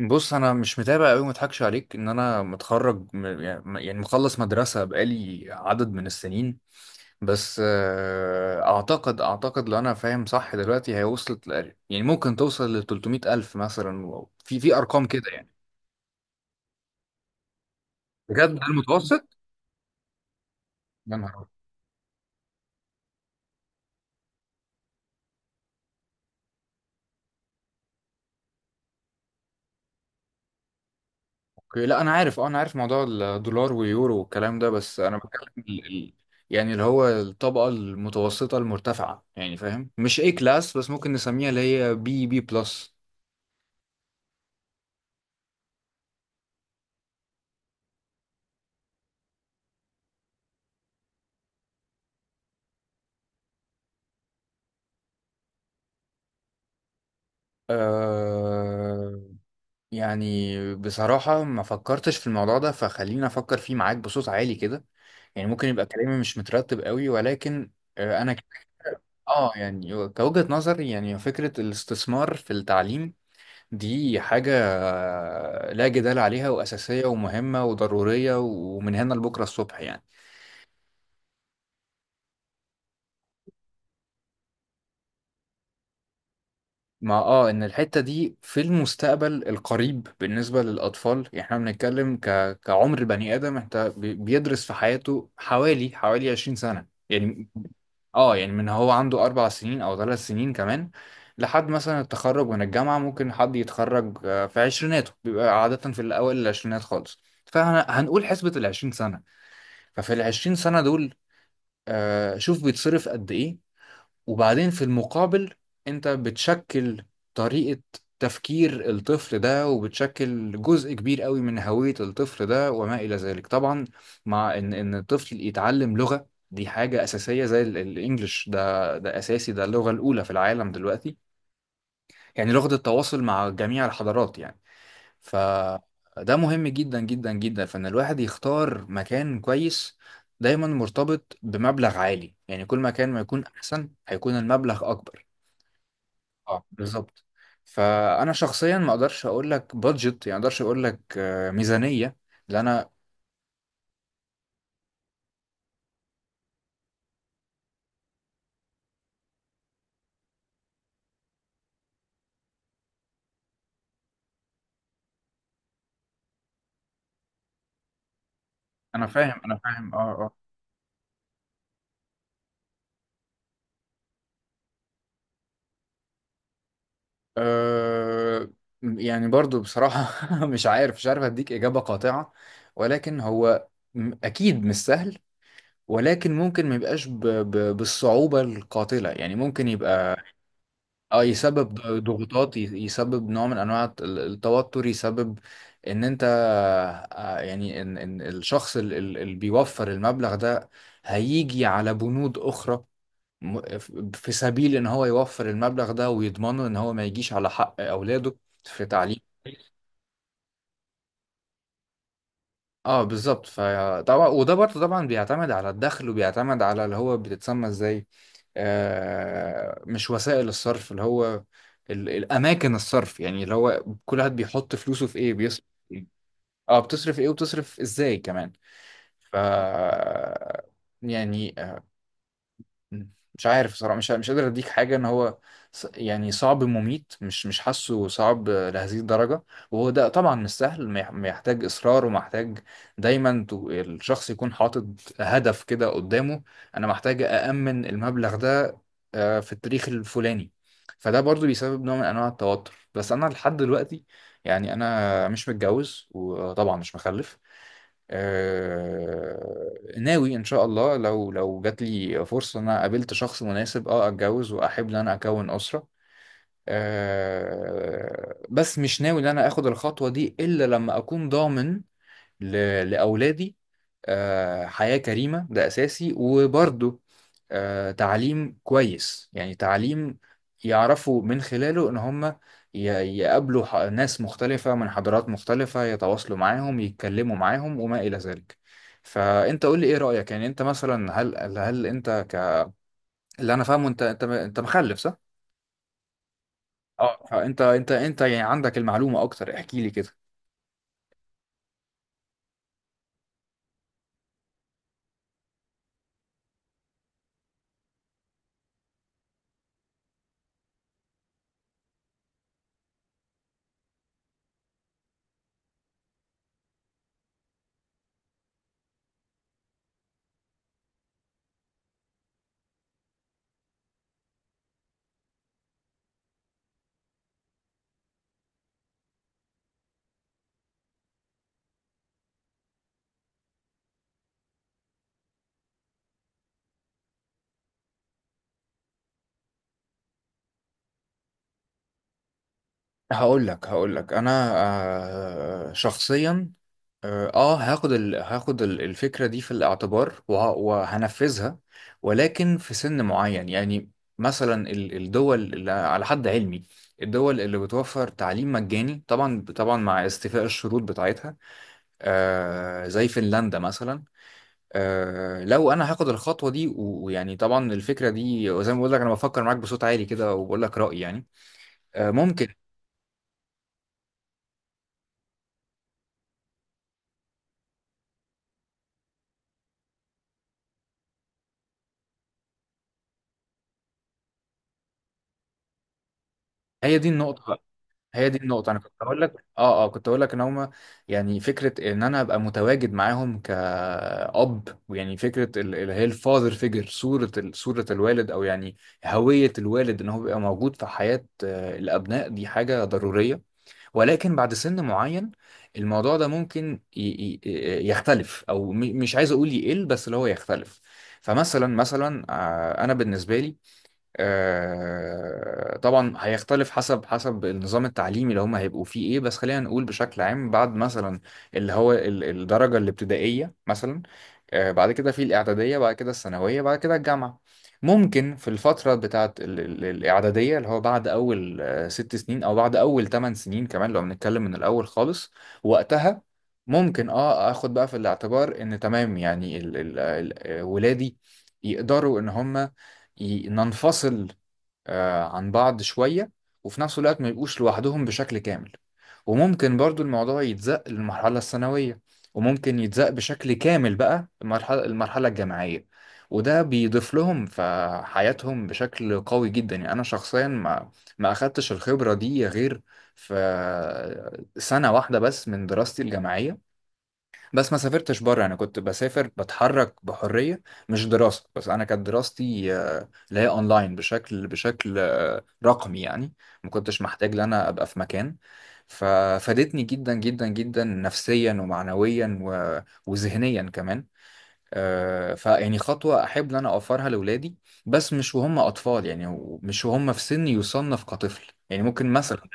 بص، انا مش متابع قوي، ما اضحكش عليك، ان انا متخرج يعني مخلص مدرسه بقالي عدد من السنين. بس اعتقد لو انا فاهم صح دلوقتي، هي وصلت يعني ممكن توصل ل 300 الف مثلا في ارقام كده يعني. بجد ده المتوسط؟ يا نهار أبيض. اوكي، لا، انا عارف موضوع الدولار واليورو والكلام ده، بس انا بتكلم يعني اللي هو الطبقه المتوسطه المرتفعه، يعني فاهم، مش اي كلاس، بس ممكن نسميها اللي هي بي بي بلس. أه يعني بصراحة ما فكرتش في الموضوع ده، فخليني أفكر فيه معاك بصوت عالي كده، يعني ممكن يبقى كلامي مش مترتب قوي، ولكن أه أنا ك- يعني كوجهة نظر، يعني فكرة الاستثمار في التعليم دي حاجة، لا جدال عليها، وأساسية ومهمة وضرورية، ومن هنا لبكرة الصبح يعني. ما اه ان الحتة دي في المستقبل القريب بالنسبة للأطفال، يعني احنا بنتكلم كعمر بني آدم، انت بيدرس في حياته حوالي 20 سنة يعني. اه يعني من هو عنده 4 سنين أو 3 سنين كمان، لحد مثلا التخرج من الجامعة. ممكن حد يتخرج، في عشريناته، بيبقى عادة في الأوائل العشرينات خالص، فهنقول حسبة 20 سنة. ففي 20 سنة دول، شوف بيتصرف قد إيه، وبعدين في المقابل انت بتشكل طريقة تفكير الطفل ده، وبتشكل جزء كبير قوي من هوية الطفل ده وما إلى ذلك طبعا. مع إن الطفل يتعلم لغة دي حاجة أساسية، زي الإنجليش. ده أساسي، ده اللغة الأولى في العالم دلوقتي، يعني لغة التواصل مع جميع الحضارات يعني. ف... ده مهم جدا جدا جدا، فإن الواحد يختار مكان كويس دايما مرتبط بمبلغ عالي، يعني كل ما كان ما يكون أحسن، هيكون المبلغ أكبر. اه بالظبط. فانا شخصيا ما اقدرش اقول لك بادجت، يعني ما اقدرش اقول لك ميزانيه، لان انا فاهم اه اه. آه، يعني برضو بصراحه مش عارف اديك اجابه قاطعه، ولكن هو اكيد مش سهل. ولكن ممكن ما يبقاش بالصعوبه القاتله، يعني ممكن يبقى اه يسبب ضغوطات، يسبب نوع من انواع التوتر، يسبب ان انت، يعني ان الشخص اللي بيوفر المبلغ ده هيجي على بنود اخرى، م- ف- في سبيل ان هو يوفر المبلغ ده ويضمنه ان هو ما يجيش على حق اولاده في تعليم. اه بالظبط. فطبعا، وده برضه طبعا بيعتمد على الدخل، وبيعتمد على اللي هو بتتسمى ازاي، مش وسائل الصرف، اللي هو الاماكن الصرف، يعني اللي هو كل واحد بيحط فلوسه في ايه، بيصرف في ايه، اه، بتصرف ايه وبتصرف ازاي كمان. ف يعني... مم. مش عارف صراحة، مش قادر اديك حاجة ان هو يعني صعب مميت، مش حاسه صعب لهذه الدرجة. وهو ده طبعا مش سهل، ما يحتاج اصرار ومحتاج دايما الشخص يكون حاطط هدف كده قدامه: انا محتاج أأمن المبلغ ده في التاريخ الفلاني. فده برضو بيسبب نوع من انواع التوتر. بس انا لحد دلوقتي يعني انا مش متجوز، وطبعا مش مخلف. ناوي ان شاء الله، لو جات لي فرصه ان انا قابلت شخص مناسب، اتجوز واحب ان انا اكون اسره. بس مش ناوي ان انا اخد الخطوه دي الا لما اكون ضامن لأولادي حياة كريمة، ده أساسي، وبرضه تعليم كويس، يعني تعليم يعرفوا من خلاله إن هم ي- يقابلوا ناس مختلفة من حضارات مختلفة، يتواصلوا معاهم، يتكلموا معاهم، وما إلى ذلك. فأنت قول لي إيه رأيك، يعني أنت مثلا هل أنت اللي أنا فاهمه، أنت مخلف، صح؟ اه، فأنت أنت يعني عندك المعلومة أكتر، احكي لي كده. هقول لك انا شخصيا، اه هاخد الفكرة دي في الاعتبار، وهنفذها، ولكن في سن معين. يعني مثلا الدول اللي على حد علمي الدول اللي بتوفر تعليم مجاني، طبعا طبعا مع استيفاء الشروط بتاعتها، زي فنلندا مثلا. لو انا هاخد الخطوة دي، ويعني طبعا الفكرة دي، وزي ما بقول لك انا بفكر معاك بصوت عالي كده وبقول لك رأيي يعني، ممكن. هي دي النقطة هي دي النقطة. أنا كنت أقول لك إن هما، يعني فكرة إن أنا أبقى متواجد معاهم كأب، ويعني فكرة اللي هي الفاذر فيجر، صورة الوالد، أو يعني هوية الوالد إن هو بيبقى موجود في حياة الأبناء، دي حاجة ضرورية. ولكن بعد سن معين، الموضوع ده ممكن يختلف، أو مش عايز أقول يقل، بس اللي هو يختلف. فمثلا أنا بالنسبة لي، طبعا هيختلف حسب النظام التعليمي اللي هم هيبقوا فيه ايه، بس خلينا نقول بشكل عام. بعد مثلا اللي هو الدرجة الابتدائية مثلا، بعد كده في الإعدادية، بعد كده الثانوية، بعد كده الجامعة، ممكن في الفترة بتاعت الإعدادية، اللي هو بعد أول 6 سنين، أو بعد أول 8 سنين كمان لو بنتكلم من الأول خالص، وقتها ممكن اخد بقى في الاعتبار ان تمام، يعني ال ال ال ولادي يقدروا ان هم ننفصل عن بعض شوية، وفي نفس الوقت ما يبقوش لوحدهم بشكل كامل. وممكن برضو الموضوع يتزق للمرحلة الثانوية، وممكن يتزق بشكل كامل بقى المرحلة الجامعية. وده بيضيف لهم في حياتهم بشكل قوي جدا. يعني أنا شخصيا ما أخدتش الخبرة دي غير في سنة واحدة بس من دراستي الجامعية، بس ما سافرتش بره. انا كنت بسافر، بتحرك بحريه، مش دراسه بس. انا كانت دراستي اللي هي اونلاين بشكل رقمي يعني، ما كنتش محتاج ان انا ابقى في مكان، ففادتني جدا جدا جدا نفسيا ومعنويا وذهنيا كمان. فيعني خطوه احب ان انا اوفرها لاولادي، بس مش وهم اطفال، يعني مش وهم في سن يصنف كطفل. يعني ممكن مثلا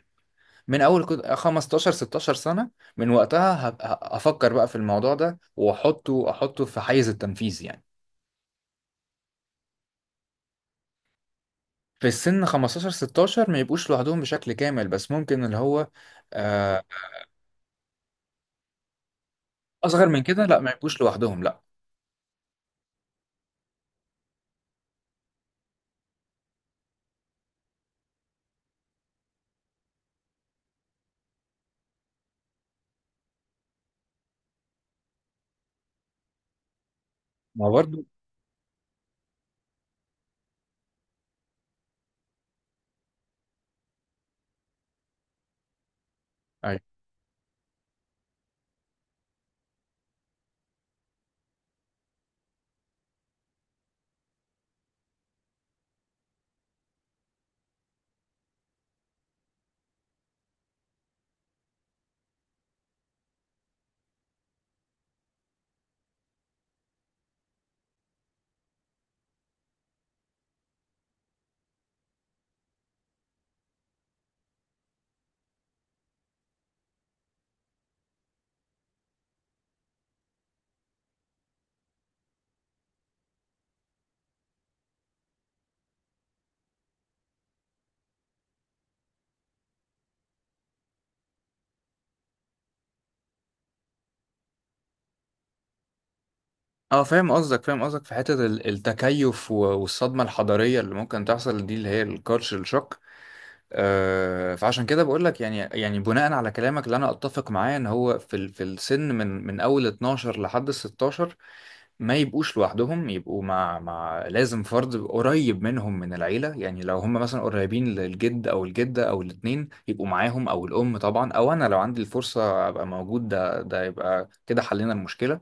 من اول كنت 15 16 سنه، من وقتها هبقى افكر بقى في الموضوع ده، واحطه في حيز التنفيذ يعني. في السن 15 16 ما يبقوش لوحدهم بشكل كامل، بس ممكن اللي هو آه، اصغر من كده لا، ما يبقوش لوحدهم، لا، ما برضو. أيوة. اه، فاهم قصدك في حته التكيف، والصدمه الحضاريه اللي ممكن تحصل دي، اللي هي الكالتشر شوك. فعشان كده بقول لك، يعني بناء على كلامك اللي انا اتفق معاه، ان هو في السن من اول 12 لحد 16 ما يبقوش لوحدهم، يبقوا مع لازم فرد قريب منهم من العيلة. يعني لو هم مثلا قريبين للجد أو الجدة أو الاتنين يبقوا معاهم، أو الأم طبعا، أو أنا لو عندي الفرصة أبقى موجود، ده يبقى كده حلينا المشكلة.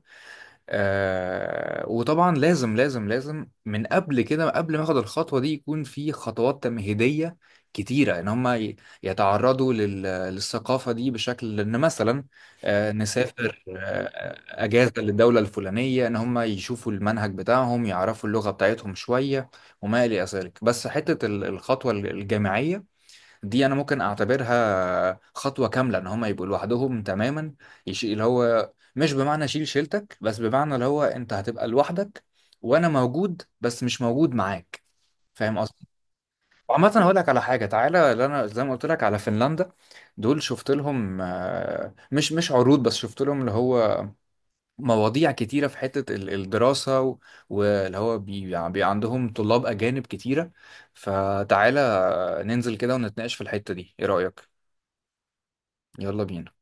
وطبعا لازم لازم لازم من قبل كده، قبل ما اخد الخطوه دي، يكون في خطوات تمهيديه كتيره ان هم يتعرضوا للثقافه دي، بشكل ان مثلا نسافر اجازه للدوله الفلانيه، ان هم يشوفوا المنهج بتاعهم، يعرفوا اللغه بتاعتهم شويه وما الى ذلك. بس حته الخطوه الجامعيه دي انا ممكن اعتبرها خطوه كامله ان هم يبقوا لوحدهم تماما، يشيل اللي هو مش بمعنى شيل شيلتك، بس بمعنى اللي هو انت هتبقى لوحدك، وانا موجود بس مش موجود معاك. فاهم قصدي؟ وعامة هقول لك على حاجة. تعالى، اللي انا زي ما قلت لك على فنلندا دول، شفت لهم مش عروض بس، شفت لهم اللي هو مواضيع كتيرة في حتة الدراسة، واللي هو عندهم طلاب أجانب كتيرة. فتعالى ننزل كده ونتناقش في الحتة دي، ايه رأيك؟ يلا بينا.